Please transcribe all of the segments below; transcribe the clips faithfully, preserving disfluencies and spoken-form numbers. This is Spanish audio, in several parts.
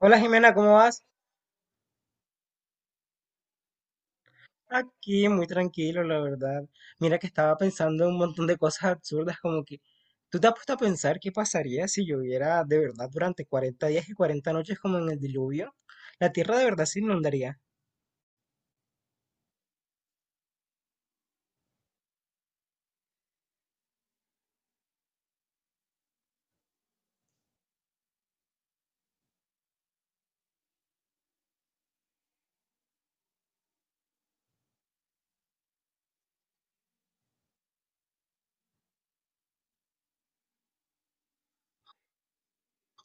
Hola Jimena, ¿cómo vas? Aquí, muy tranquilo, la verdad. Mira que estaba pensando en un montón de cosas absurdas, como que tú te has puesto a pensar qué pasaría si lloviera de verdad durante cuarenta días y cuarenta noches como en el diluvio. La tierra de verdad se inundaría.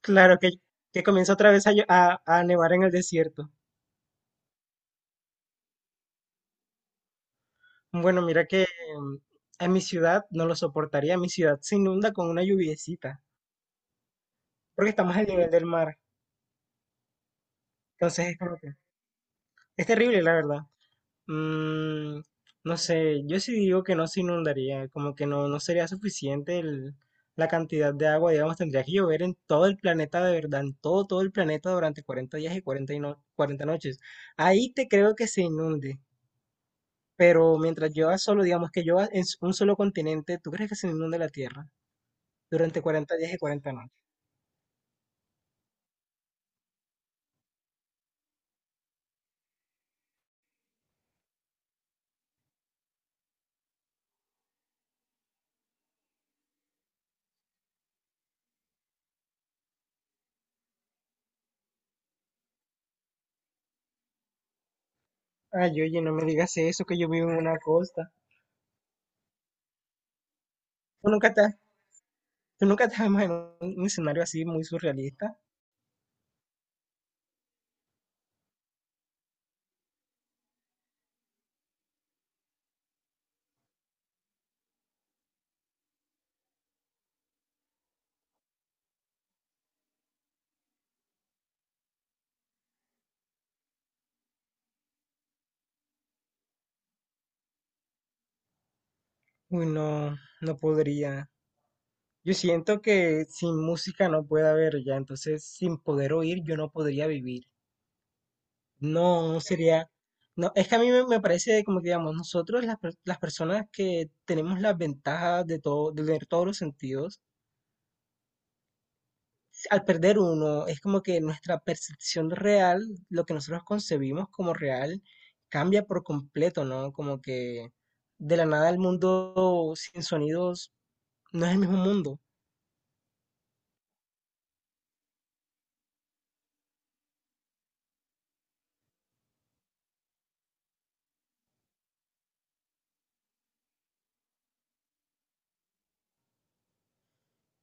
Claro que, que comienza otra vez a, llo- a- a nevar en el desierto. Bueno, mira que mm, en mi ciudad no lo soportaría, mi ciudad se inunda con una lluviecita, porque estamos al nivel del mar. Entonces es como que es terrible, la verdad. Mm, no sé, yo sí digo que no se inundaría, como que no, no sería suficiente el- la cantidad de agua, digamos, tendría que llover en todo el planeta de verdad, en todo, todo el planeta durante cuarenta días y cuarenta y no- cuarenta noches. Ahí te creo que se inunde, pero mientras llueva solo, digamos que llueva en s- un solo continente, ¿tú crees que se inunde la Tierra durante cuarenta días y cuarenta noches? Ay, oye, no me digas eso, que yo vivo en una costa. ¿Tú nunca te has, Tú nunca te has imaginado un un escenario así muy surrealista? Uy, no, no podría. Yo siento que sin música no puede haber ya, entonces sin poder oír yo no podría vivir. No, no sería, no, es que a mí me, me parece como que digamos, nosotros las, per- las personas que tenemos las ventajas de todo, de tener todos los sentidos, si, al perder uno, es como que nuestra percepción real, lo que nosotros concebimos como real, cambia por completo, ¿no? Como que de la nada el mundo sin sonidos no es el mismo mundo,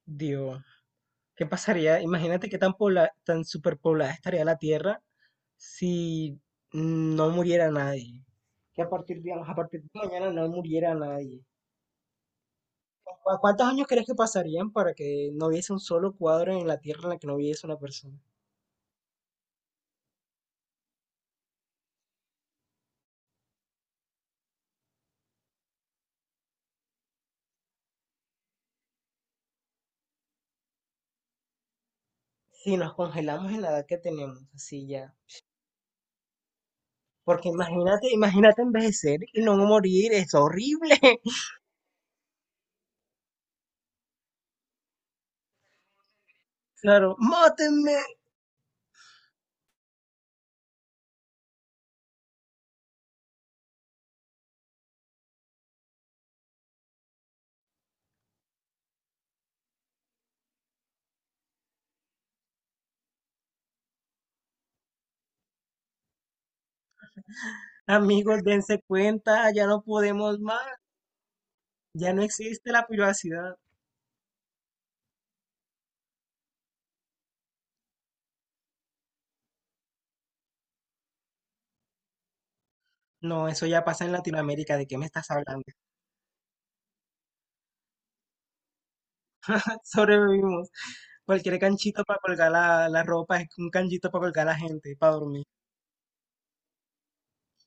digo. ¿Qué pasaría? Imagínate qué tan, pobla- tan superpoblada estaría la Tierra si no muriera nadie. Que a partir de, a partir de mañana no muriera nadie. ¿Cu- ¿Cuántos años crees que pasarían para que no hubiese un solo cuadro en la Tierra en la que no hubiese una persona? Si nos congelamos en la edad que tenemos, así ya. Porque imagínate, imagínate envejecer y no morir, es horrible. Claro, mátenme. Amigos, dense cuenta, ya no podemos más, ya no existe la privacidad. No, eso ya pasa en Latinoamérica, ¿de qué me estás hablando? Sobrevivimos. Cualquier canchito para colgar la, la ropa es un canchito para colgar a la gente, para dormir.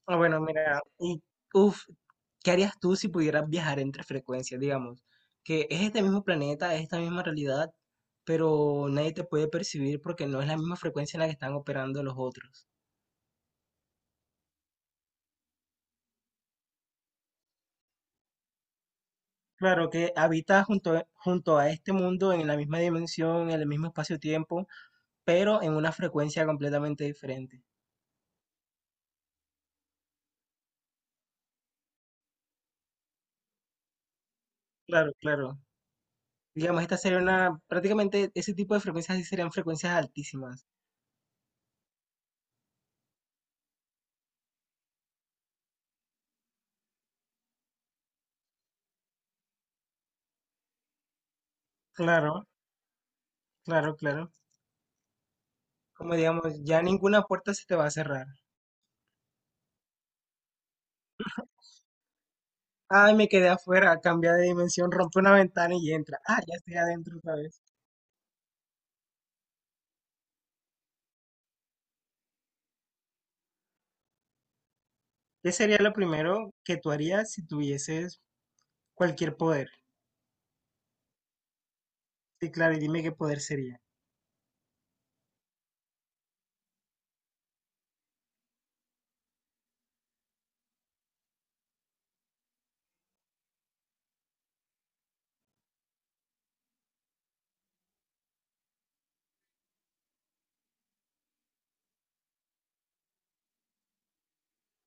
Ah, bueno, mira, y uff, ¿qué harías tú si pudieras viajar entre frecuencias, digamos? Que es este mismo planeta, es esta misma realidad, pero nadie te puede percibir porque no es la misma frecuencia en la que están operando los otros. Claro que habitas junto, a- junto a este mundo en la misma dimensión, en el mismo espacio-tiempo, pero en una frecuencia completamente diferente. Claro, claro. Digamos, esta sería una, prácticamente ese tipo de frecuencias sí serían frecuencias altísimas. Claro, claro, claro. Como digamos, ya ninguna puerta se te va a cerrar. Ay, me quedé afuera, cambia de dimensión, rompe una ventana y entra. Ah, ya estoy adentro otra vez. ¿Qué sería lo primero que tú harías si tuvieses cualquier poder? Sí, claro, y dime qué poder sería.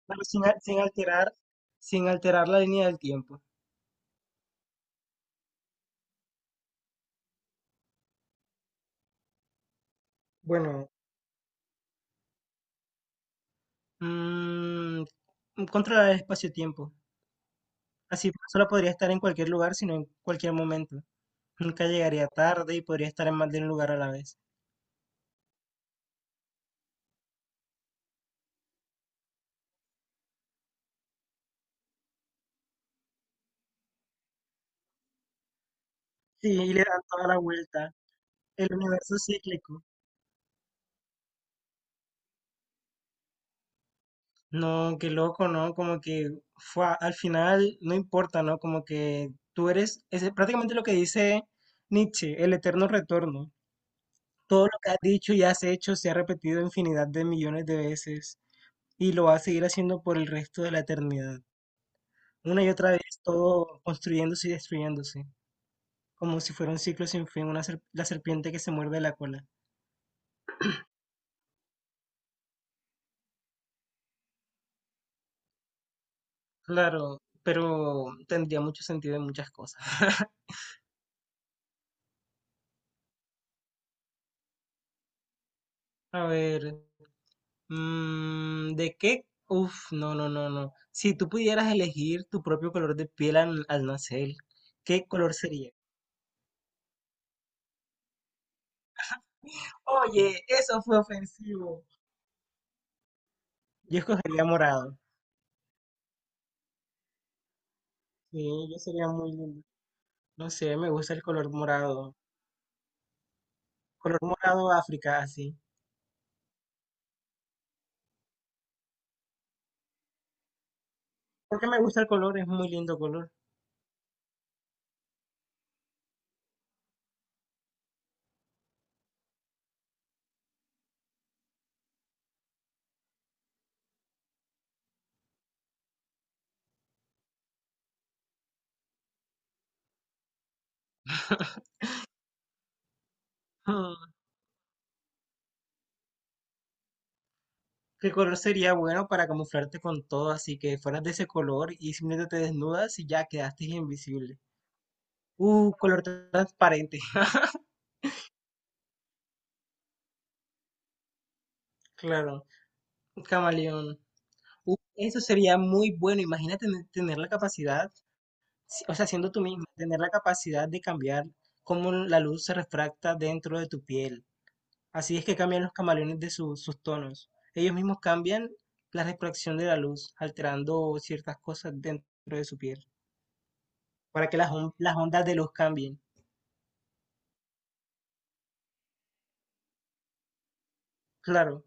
Claro, sin, al- sin alterar, sin alterar la línea del tiempo. Bueno, mm, controlar el espacio-tiempo. Así solo podría estar en cualquier lugar, sino en cualquier momento. Nunca llegaría tarde y podría estar en más de un lugar a la vez. Sí, y le dan toda la vuelta. El universo cíclico. No, qué loco, ¿no? Como que fue, al final no importa, ¿no? Como que tú eres, es prácticamente lo que dice Nietzsche, el eterno retorno. Todo lo que has dicho y has hecho se ha repetido infinidad de millones de veces y lo va a seguir haciendo por el resto de la eternidad. Una y otra vez, todo construyéndose y destruyéndose, como si fuera un ciclo sin fin, una ser- la serpiente que se muerde la cola. Claro, pero tendría mucho sentido en muchas cosas. A ver, mm, ¿de qué? Uf, no, no, no, no. Si tú pudieras elegir tu propio color de piel al, al nacer, ¿qué color sería? Oye, eso fue ofensivo. Yo escogería morado. Sí, yo sería muy lindo. No sé, me gusta el color morado. Color morado África, así. Porque me gusta el color, es muy lindo color. ¿Qué color sería bueno para camuflarte con todo? Así que fueras de ese color y simplemente te desnudas y ya quedaste invisible. Uh, color transparente. Claro, camaleón. Uh, eso sería muy bueno. Imagínate tener tener la capacidad, si- o sea, siendo tú misma, tener la capacidad de cambiar cómo la luz se refracta dentro de tu piel. Así es que cambian los camaleones de su- sus tonos. Ellos mismos cambian la refracción de la luz, alterando ciertas cosas dentro de su piel, para que las, on- las ondas de luz cambien. Claro,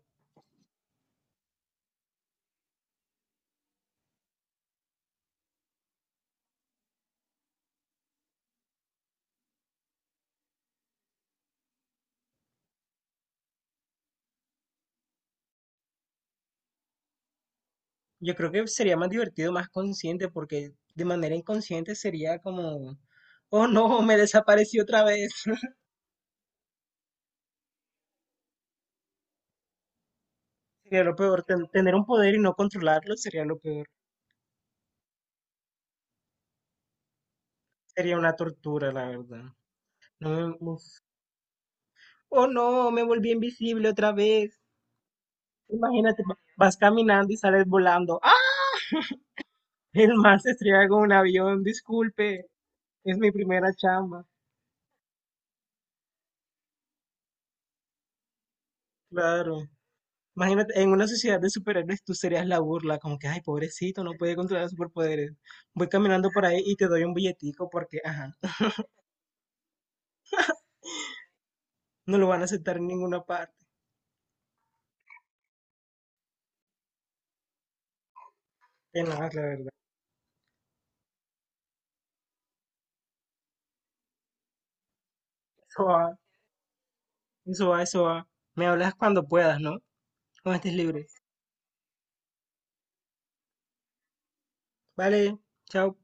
yo creo que sería más divertido, más consciente, porque de manera inconsciente sería como, oh no, me desapareció otra vez. Sería lo peor, ten- tener un poder y no controlarlo sería lo peor. Sería una tortura, la verdad. No me- uf. Oh no, me volví invisible otra vez. Imagínate, va- vas caminando y sales volando. ¡Ah! El mar se estrella con un avión, disculpe, es mi primera chamba. Claro. Imagínate, en una sociedad de superhéroes tú serías la burla, como que, ay, pobrecito, no puede controlar superpoderes. Voy caminando por ahí y te doy un billetico porque, ajá, no lo van a aceptar en ninguna parte. Que no, la verdad. Eso va, eso va, eso va. Me hablas cuando puedas, ¿no? Cuando estés libre. Vale, chao.